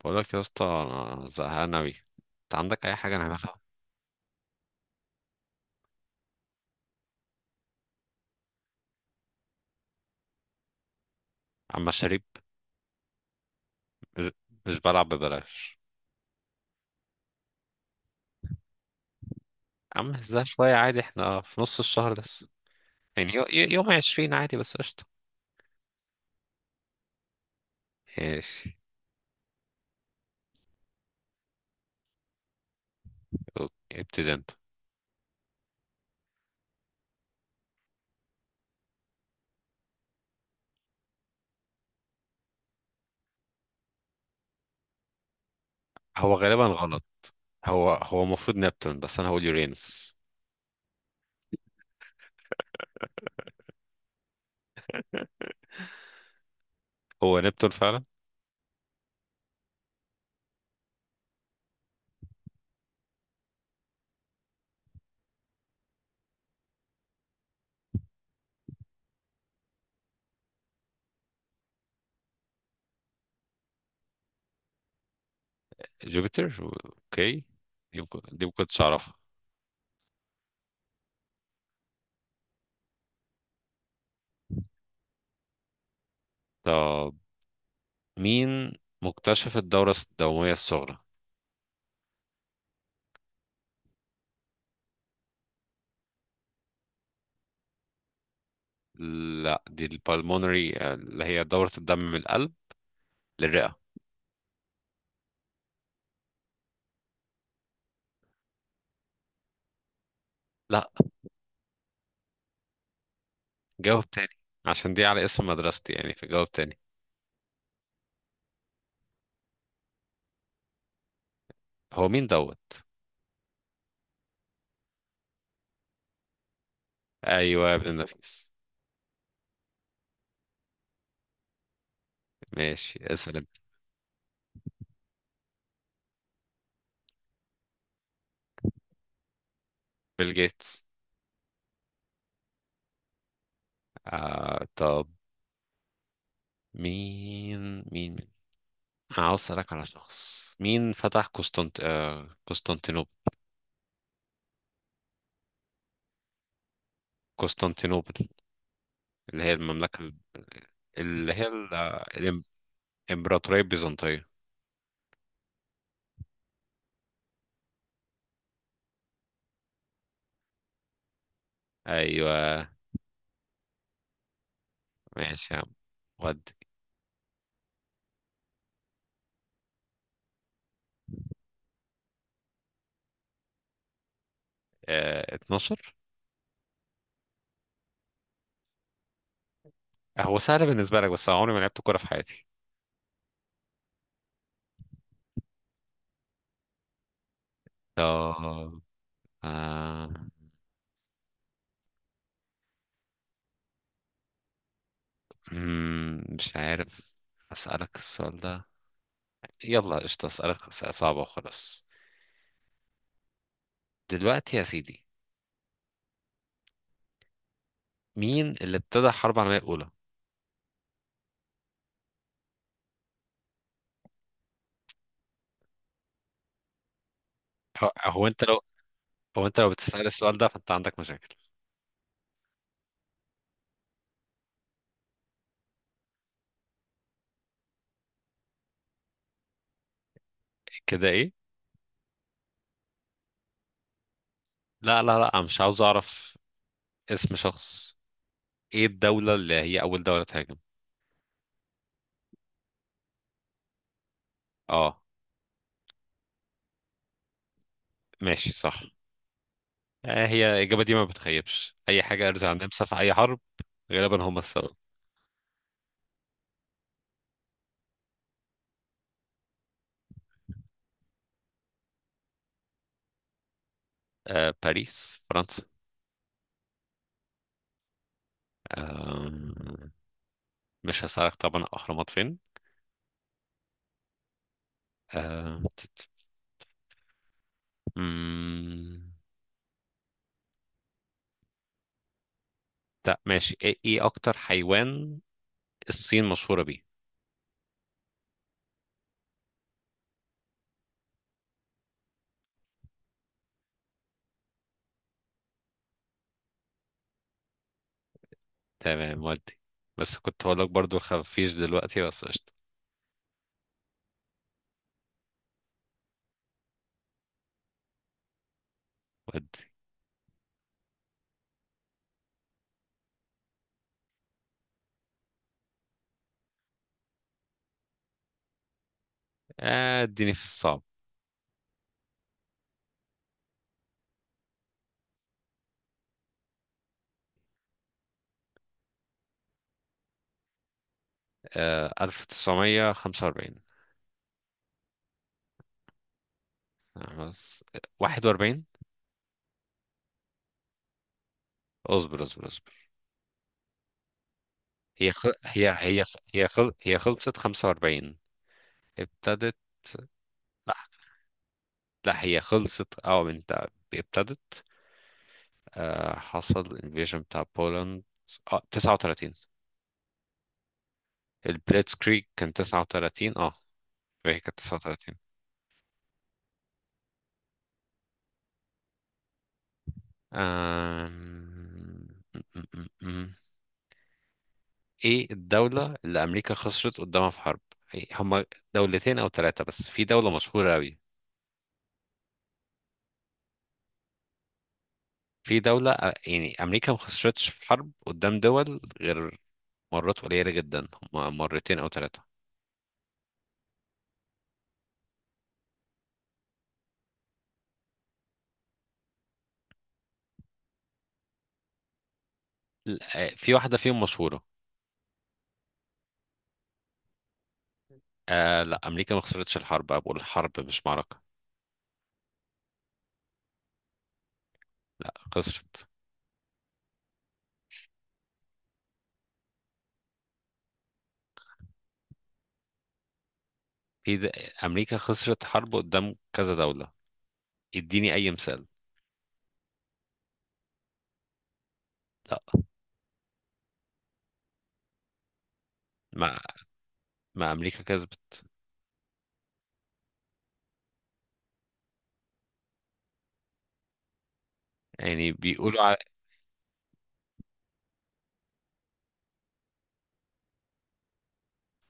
بقولك يا اسطى انا زهقان اوي. انت عندك اي حاجه نعملها؟ اما الشريب. مش مش بلعب ببلاش. يا عم ازاي؟ شويه عادي، احنا في نص الشهر لسه. يعني يوم عشرين عادي، بس قشطه. ماشي. اوكي. ابتدي انت. هو غالبا غلط. هو المفروض نبتون، بس انا هقول يورينس. هو نبتون فعلا. جوبيتر. اوكي. دي ما كنتش اعرفها. طب، مين مكتشف الدوره الدمويه الصغرى؟ لا، دي البالمونري، اللي هي دوره الدم من القلب للرئة. لا، جاوب تاني، عشان دي على اسم مدرستي يعني، فجاوب تاني. هو مين دوت؟ ايوه يا ابن النفيس. ماشي، اسال انت. بيل جيتس. طب، مين عاوز اسالك على شخص. مين فتح قسطنطينوبل؟ قسطنطينوبل، اللي هي المملكه ال- اللي هي ال- آه، الإم- الامبراطوريه البيزنطيه. ايوه. ماشي يا عم، ودي. 12. هو سهل بالنسبه لك، بس أنا عمري ما لعبت كوره في حياتي. طب. آه مش عارف. أسألك السؤال ده. يلا قشطة، أسألك أسئلة صعبة وخلاص. دلوقتي يا سيدي، مين اللي ابتدى الحرب العالمية الأولى؟ هو هو أنت لو هو أنت لو بتسأل السؤال ده فأنت عندك مشاكل. كده إيه؟ لا لا لا، أنا مش عاوز أعرف اسم شخص. إيه الدولة اللي هي أول دولة تهاجم؟ أه. ماشي صح. هي الإجابة دي ما بتخيبش أي حاجة، أرزع عن النمسا في أي حرب، غالبا هم السبب. باريس، فرنسا. آه، مش هسألك طبعا الأهرامات فين. آه... تت- تت- مم... لا ماشي. ايه اكتر حيوان الصين مشهورة بيه؟ تمام ودي. بس كنت هقول لك برضو الخفيش دلوقتي، بس قشطة. ودي. اديني في الصعب. 1945. خلاص. 41. اصبر اصبر اصبر. هي خ... هي هي هي خل... هي خلصت 45. ابتدت. لا لا، هي خلصت، اه انت. ابتدت. حصل invasion بتاع بولند. اه، 39. البليتس كريك كان 39، اه. هي كانت 39. أم... م- م- م- م. ايه الدولة اللي أمريكا خسرت قدامها في حرب؟ إيه، هما دولتين أو ثلاثة، بس في دولة مشهورة أوي. يعني أمريكا ما خسرتش في حرب قدام دول، غير مرات قليلة جدا، هما مرتين أو ثلاثة. في واحدة فيهم مشهورة. آه لا، أمريكا ما خسرتش الحرب، أنا بقول حرب مش معركة. لا، خسرت. في د... آه، أمريكا خسرت حرب قدام كذا دولة، اديني اي مثال. لا. ما ما امريكا كسبت. يعني بيقولوا على...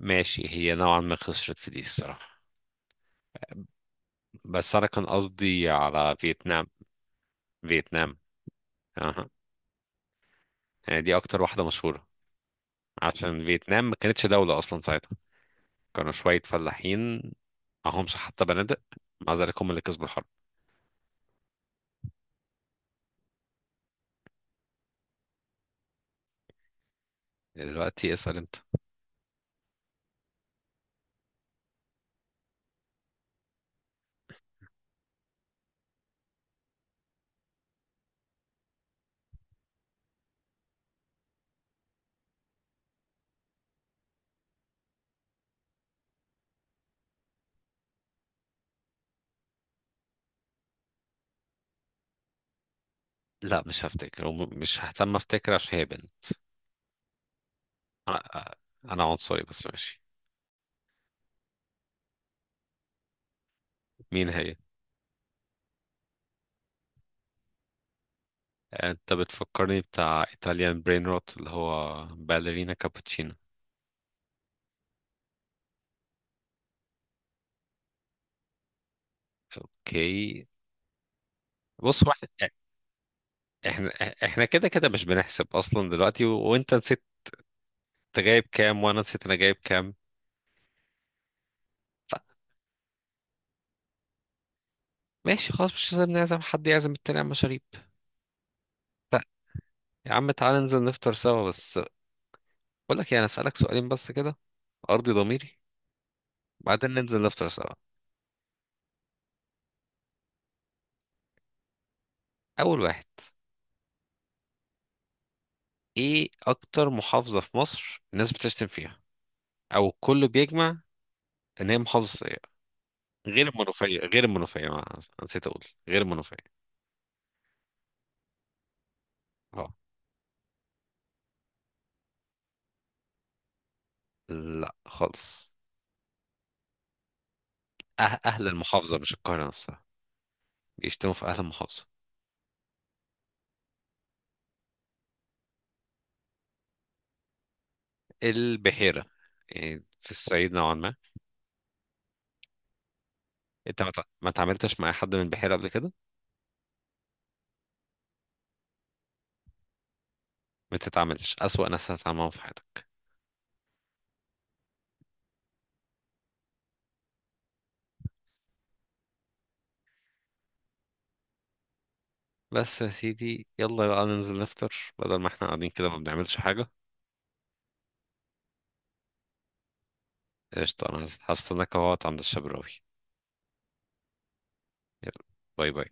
ماشي، هي نوعا ما خسرت في دي الصراحة، بس انا كان قصدي على فيتنام. فيتنام. اها. يعني دي اكتر واحدة مشهورة، عشان فيتنام ما كانتش دولة اصلا ساعتها، كانوا شوية فلاحين، معهمش حتى بنادق. مع ذلك هم اللي كسبوا الحرب. دلوقتي اسأل انت. لا مش هفتكر، مش ههتم افتكر عشان هي بنت. آه، انا عنصري بس ماشي. مين هي؟ انت بتفكرني بتاع ايطاليان برين روت، اللي هو باليرينا كابوتشينو. اوكي. بص، هو احنا احنا إحنا كده كده مش بنحسب اصلا دلوقتي، وانت نسيت. انت جايب كام وانا نسيت انا جايب كام. ماشي خلاص، مش لازم نعزم حد، يعزم التاني على المشاريب. طيب. يا عم تعالى ننزل نفطر سوا، بس بقول لك ايه، انا اسالك سؤالين بس كده، ارضي ضميري، بعدين ننزل نفطر سوا. اول واحد، ايه اكتر محافظة في مصر الناس بتشتم فيها، او الكل بيجمع ان هي محافظة، غير المنوفية، غير المنوفية، ما نسيت أقول غير المنوفية. اه. لا خالص. أه، أهل المحافظة مش القاهرة نفسها، بيشتموا في أهل المحافظة. البحيرة، يعني في الصعيد نوعا ما. أنت ما تعاملتش مع حد من البحيرة قبل كده، ما تتعاملش، أسوأ ناس هتتعاملوا في حياتك. بس يا سيدي، يلا بقى ننزل نفطر، بدل ما احنا قاعدين كده ما بنعملش حاجة. قشطة، أنا هستناك أهوت عند الشبراوي. يلا، باي باي.